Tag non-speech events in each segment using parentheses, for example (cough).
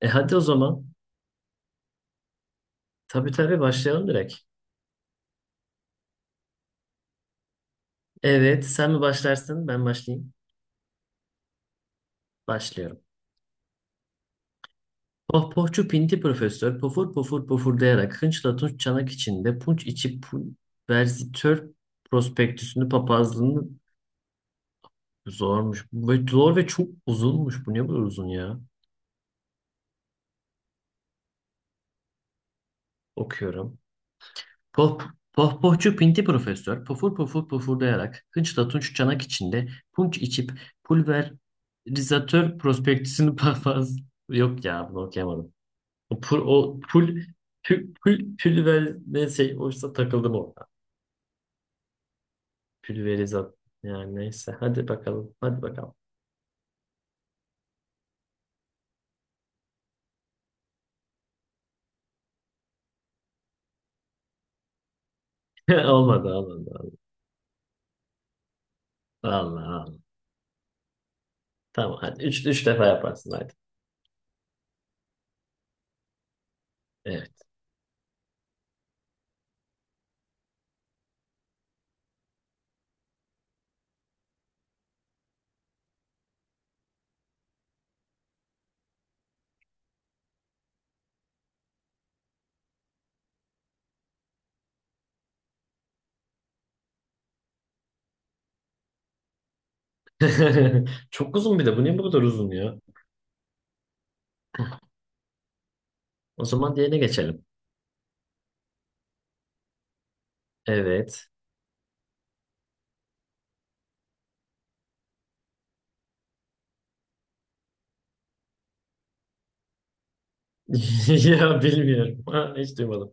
Hadi o zaman. Tabii, başlayalım direkt. Evet, sen mi başlarsın, ben başlayayım. Başlıyorum. Pohpohçu pinti profesör pofur pofur pofurdayarak hınçla tunç çanak içinde punç içi pu- verzitör prospektüsünü papazlığını zormuş. Ve zor ve çok uzunmuş. Bu niye bu kadar uzun ya? Okuyorum. Poh, pohpohçu pinti profesör pofur pofur pofurdayarak hınçla tunç çanak içinde punç içip pulverizatör prospektüsünü (laughs) papaz... Yok ya bunu okuyamadım. O, pul, o pul, pul, pulver neyse oysa takıldım orada. Pülverizat. Yani neyse. Hadi bakalım. Hadi bakalım. (laughs) Olmadı. Allah Allah. Tamam hadi. Üç defa yaparsın hadi. Evet. (laughs) Çok uzun bir de. Bu niye bu kadar uzun ya? O zaman diğerine geçelim. Evet. (laughs) Ya bilmiyorum. Ha, hiç duymadım.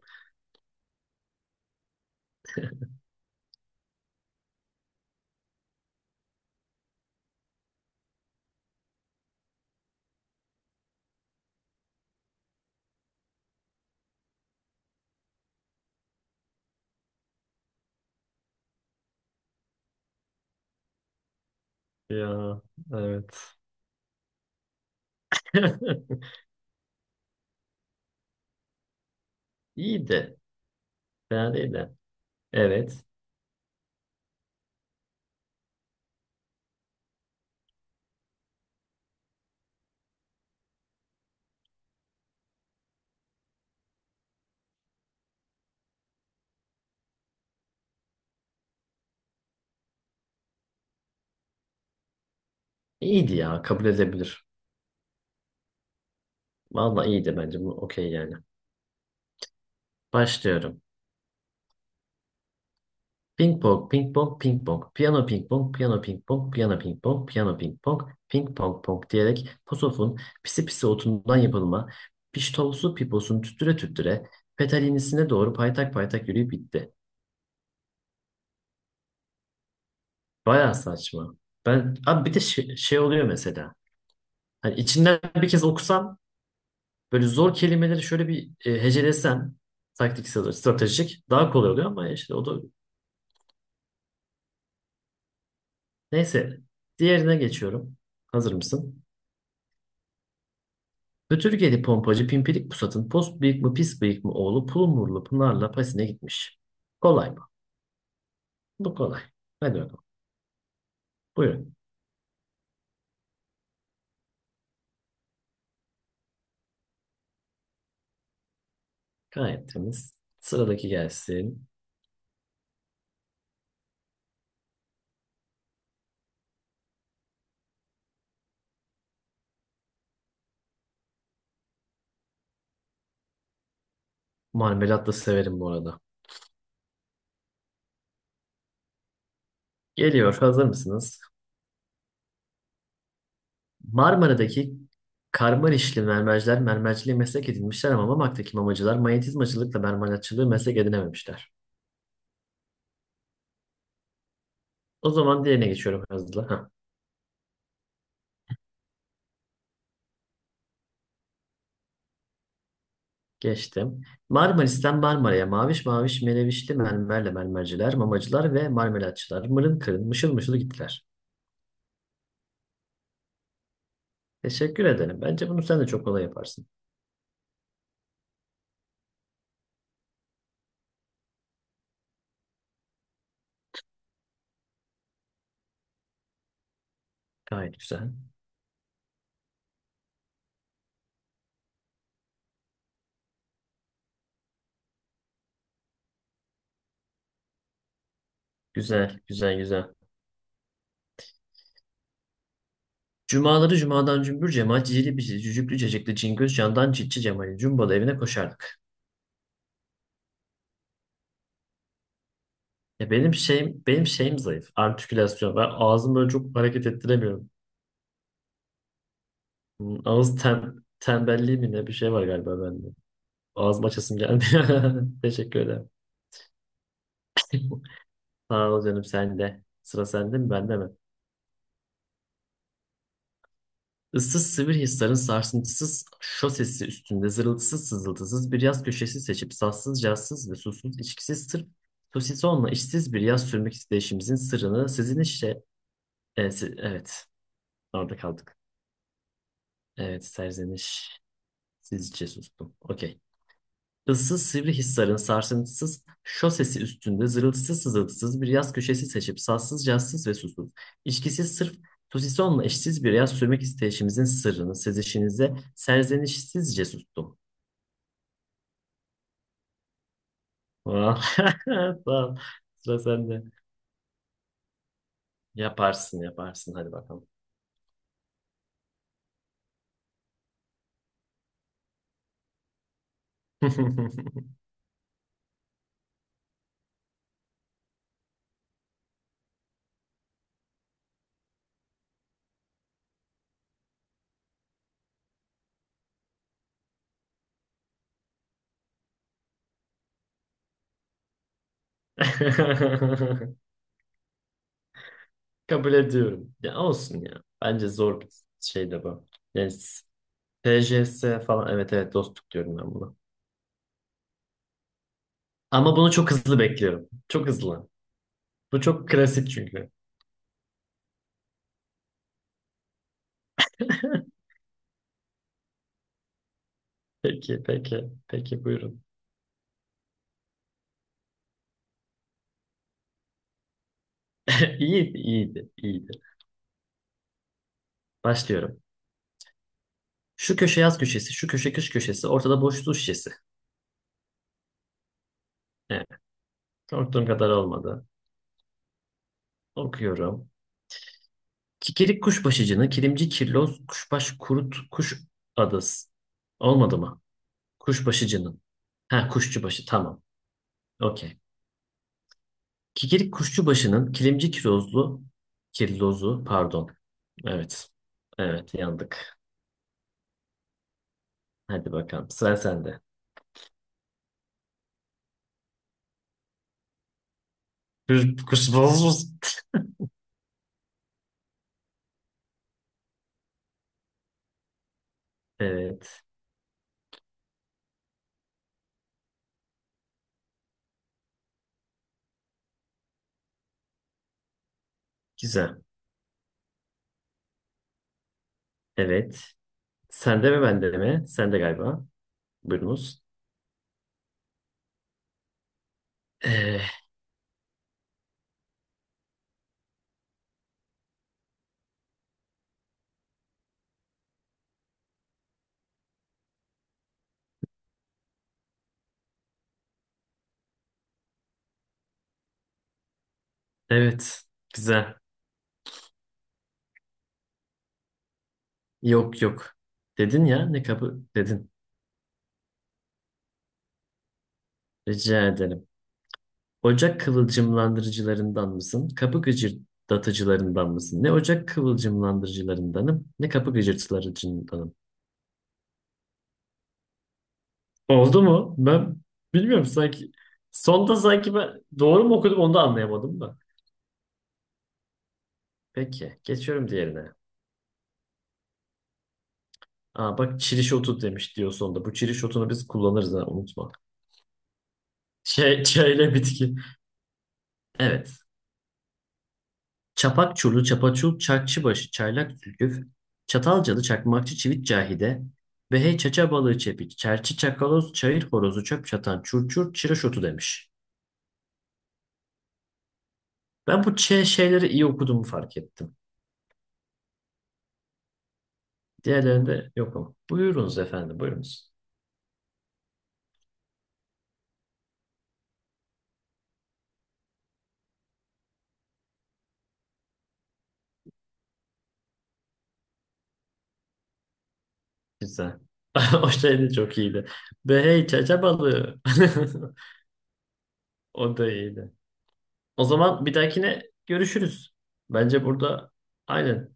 Ya evet. (laughs) İyiydi. Fena değil de. Evet. İyiydi ya. Kabul edebilir. Vallahi iyiydi bence. Bu okey yani. Başlıyorum. Ping pong, ping pong, ping pong, piyano ping pong, piyano ping pong, piyano ping pong, piyano ping pong, ping pong pong diyerek posofun pisi pisi otundan yapılma, piştolsu piposunu tüttüre tüttüre petalinisine doğru paytak paytak yürüyüp bitti. Baya saçma. Ben, abi bir de şey oluyor mesela. Hani içinden bir kez okusam böyle zor kelimeleri şöyle bir hecelesem taktiksel, stratejik daha kolay oluyor ama işte o da neyse. Diğerine geçiyorum. Hazır mısın? Götürgeli pompacı Pimpirik Pusat'ın post bıyık mı pis bıyık mı oğlu Pulumurlu Pınar'la Pasin'e gitmiş. Kolay mı? Bu kolay. Hadi bakalım. Buyurun. Gayet temiz. Sıradaki gelsin. Marmelat da severim bu arada. Geliyor. Hazır mısınız? Marmara'daki Karmanişli mermerciler mermerciliği meslek edinmişler ama Mamak'taki mamacılar manyetizmacılıkla mermerlatçılığı meslek edinememişler. O zaman diğerine geçiyorum hızlı. Heh. Geçtim. Marmaris'ten Marmara'ya maviş maviş melevişli mermerle mermerciler, mamacılar ve marmelatçılar mırın kırın mışıl mışıl gittiler. Teşekkür ederim. Bence bunu sen de çok kolay yaparsın. Gayet güzel. Güzel, güzel, güzel. Cumaları cumadan cümbür cemaat cicili bicili cücüklü cecikli cingöz candan çitçi cemali cumbalı evine koşardık. Ya benim şeyim zayıf. Artikülasyon. Ben ağzımı böyle çok hareket ettiremiyorum. Hmm, ağız tembelliği mi ne bir şey var galiba bende. Ağzım açasım geldi. (laughs) Teşekkür ederim. (laughs) Sağ ol canım sen de. Sıra sende mi bende mi? Issız sivri hisların sarsıntısız şosesi üstünde zırıltısız sızıltısız bir yaz köşesi seçip sassız cazsız ve susuz içkisiz sırf sosisonla işsiz bir yaz sürmek isteyişimizin sırrını sizin işte evet orada kaldık. Evet serzeniş sizce sustum. Okey. Issız Sivrihisar'ın sarsıntısız şosesi üstünde zırıltısız sızıltısız bir yaz köşesi seçip sassız cazsız ve susuz, içkisiz sırf Tusison'la eşsiz bir yaz sürmek isteyişimizin sırrını sezişinize serzenişsizce sustum. Vah. (laughs) Tamam. Sıra sende. Yaparsın, hadi bakalım. (laughs) Kabul ediyorum. Ya olsun ya. Bence zor bir şey de bu. Yani TCS falan evet evet dostluk diyorum ben buna. Ama bunu çok hızlı bekliyorum. Çok hızlı. Bu çok klasik çünkü. Peki, buyurun. (laughs) İyiydi. Başlıyorum. Şu köşe yaz köşesi, şu köşe kış köşesi, ortada boş su şişesi. Evet, korktuğum kadar olmadı. Okuyorum. Kikirik kuşbaşıcını, kilimci kirloz, kuşbaş kurut, kuş adası. Olmadı mı? Kuşbaşıcının. Ha, kuşçubaşı, tamam. Okey. Kikirik kuşçubaşının, kilimci kirozlu, kirlozu, pardon. Evet, evet, yandık. Hadi bakalım sıra sende. Kır- Kırsız mısın? Evet. Güzel. Evet. Sende mi bende mi? Sende galiba. Buyurunuz. Ee, evet. Güzel. Yok. Dedin ya ne kabı dedin. Rica ederim. Ocak kıvılcımlandırıcılarından mısın? Kapı gıcırdatıcılarından mısın? Ne ocak kıvılcımlandırıcılarındanım ne kapı gıcırdatıcılarındanım? Oldu mu? Ben bilmiyorum sanki. Sonda sanki ben doğru mu okudum onu da anlayamadım da. Peki. Geçiyorum diğerine. Aa, bak çiriş otu demiş diyor sonunda. Bu çiriş otunu biz kullanırız ha unutma. Şey, (laughs) çayla bitki. Evet. Çapak çurlu, çapaçul, çakçıbaşı, çaylak zülküf, çatalcalı, çakmakçı, çivit cahide, behey, çaça balığı çepik, çerçi, çakaloz, çayır horozu, çöp çatan, çurçur, çiriş otu demiş. Ben bu şeyleri iyi okuduğumu fark ettim. Diğerlerinde yok ama. Buyurunuz efendim. Güzel. (laughs) O şey de çok iyiydi. Behey, çaça balığı. (laughs) O da iyiydi. O zaman bir dahakine görüşürüz. Bence burada aynen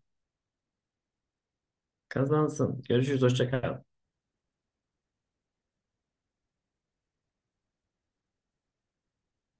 kazansın. Görüşürüz. Hoşça kal.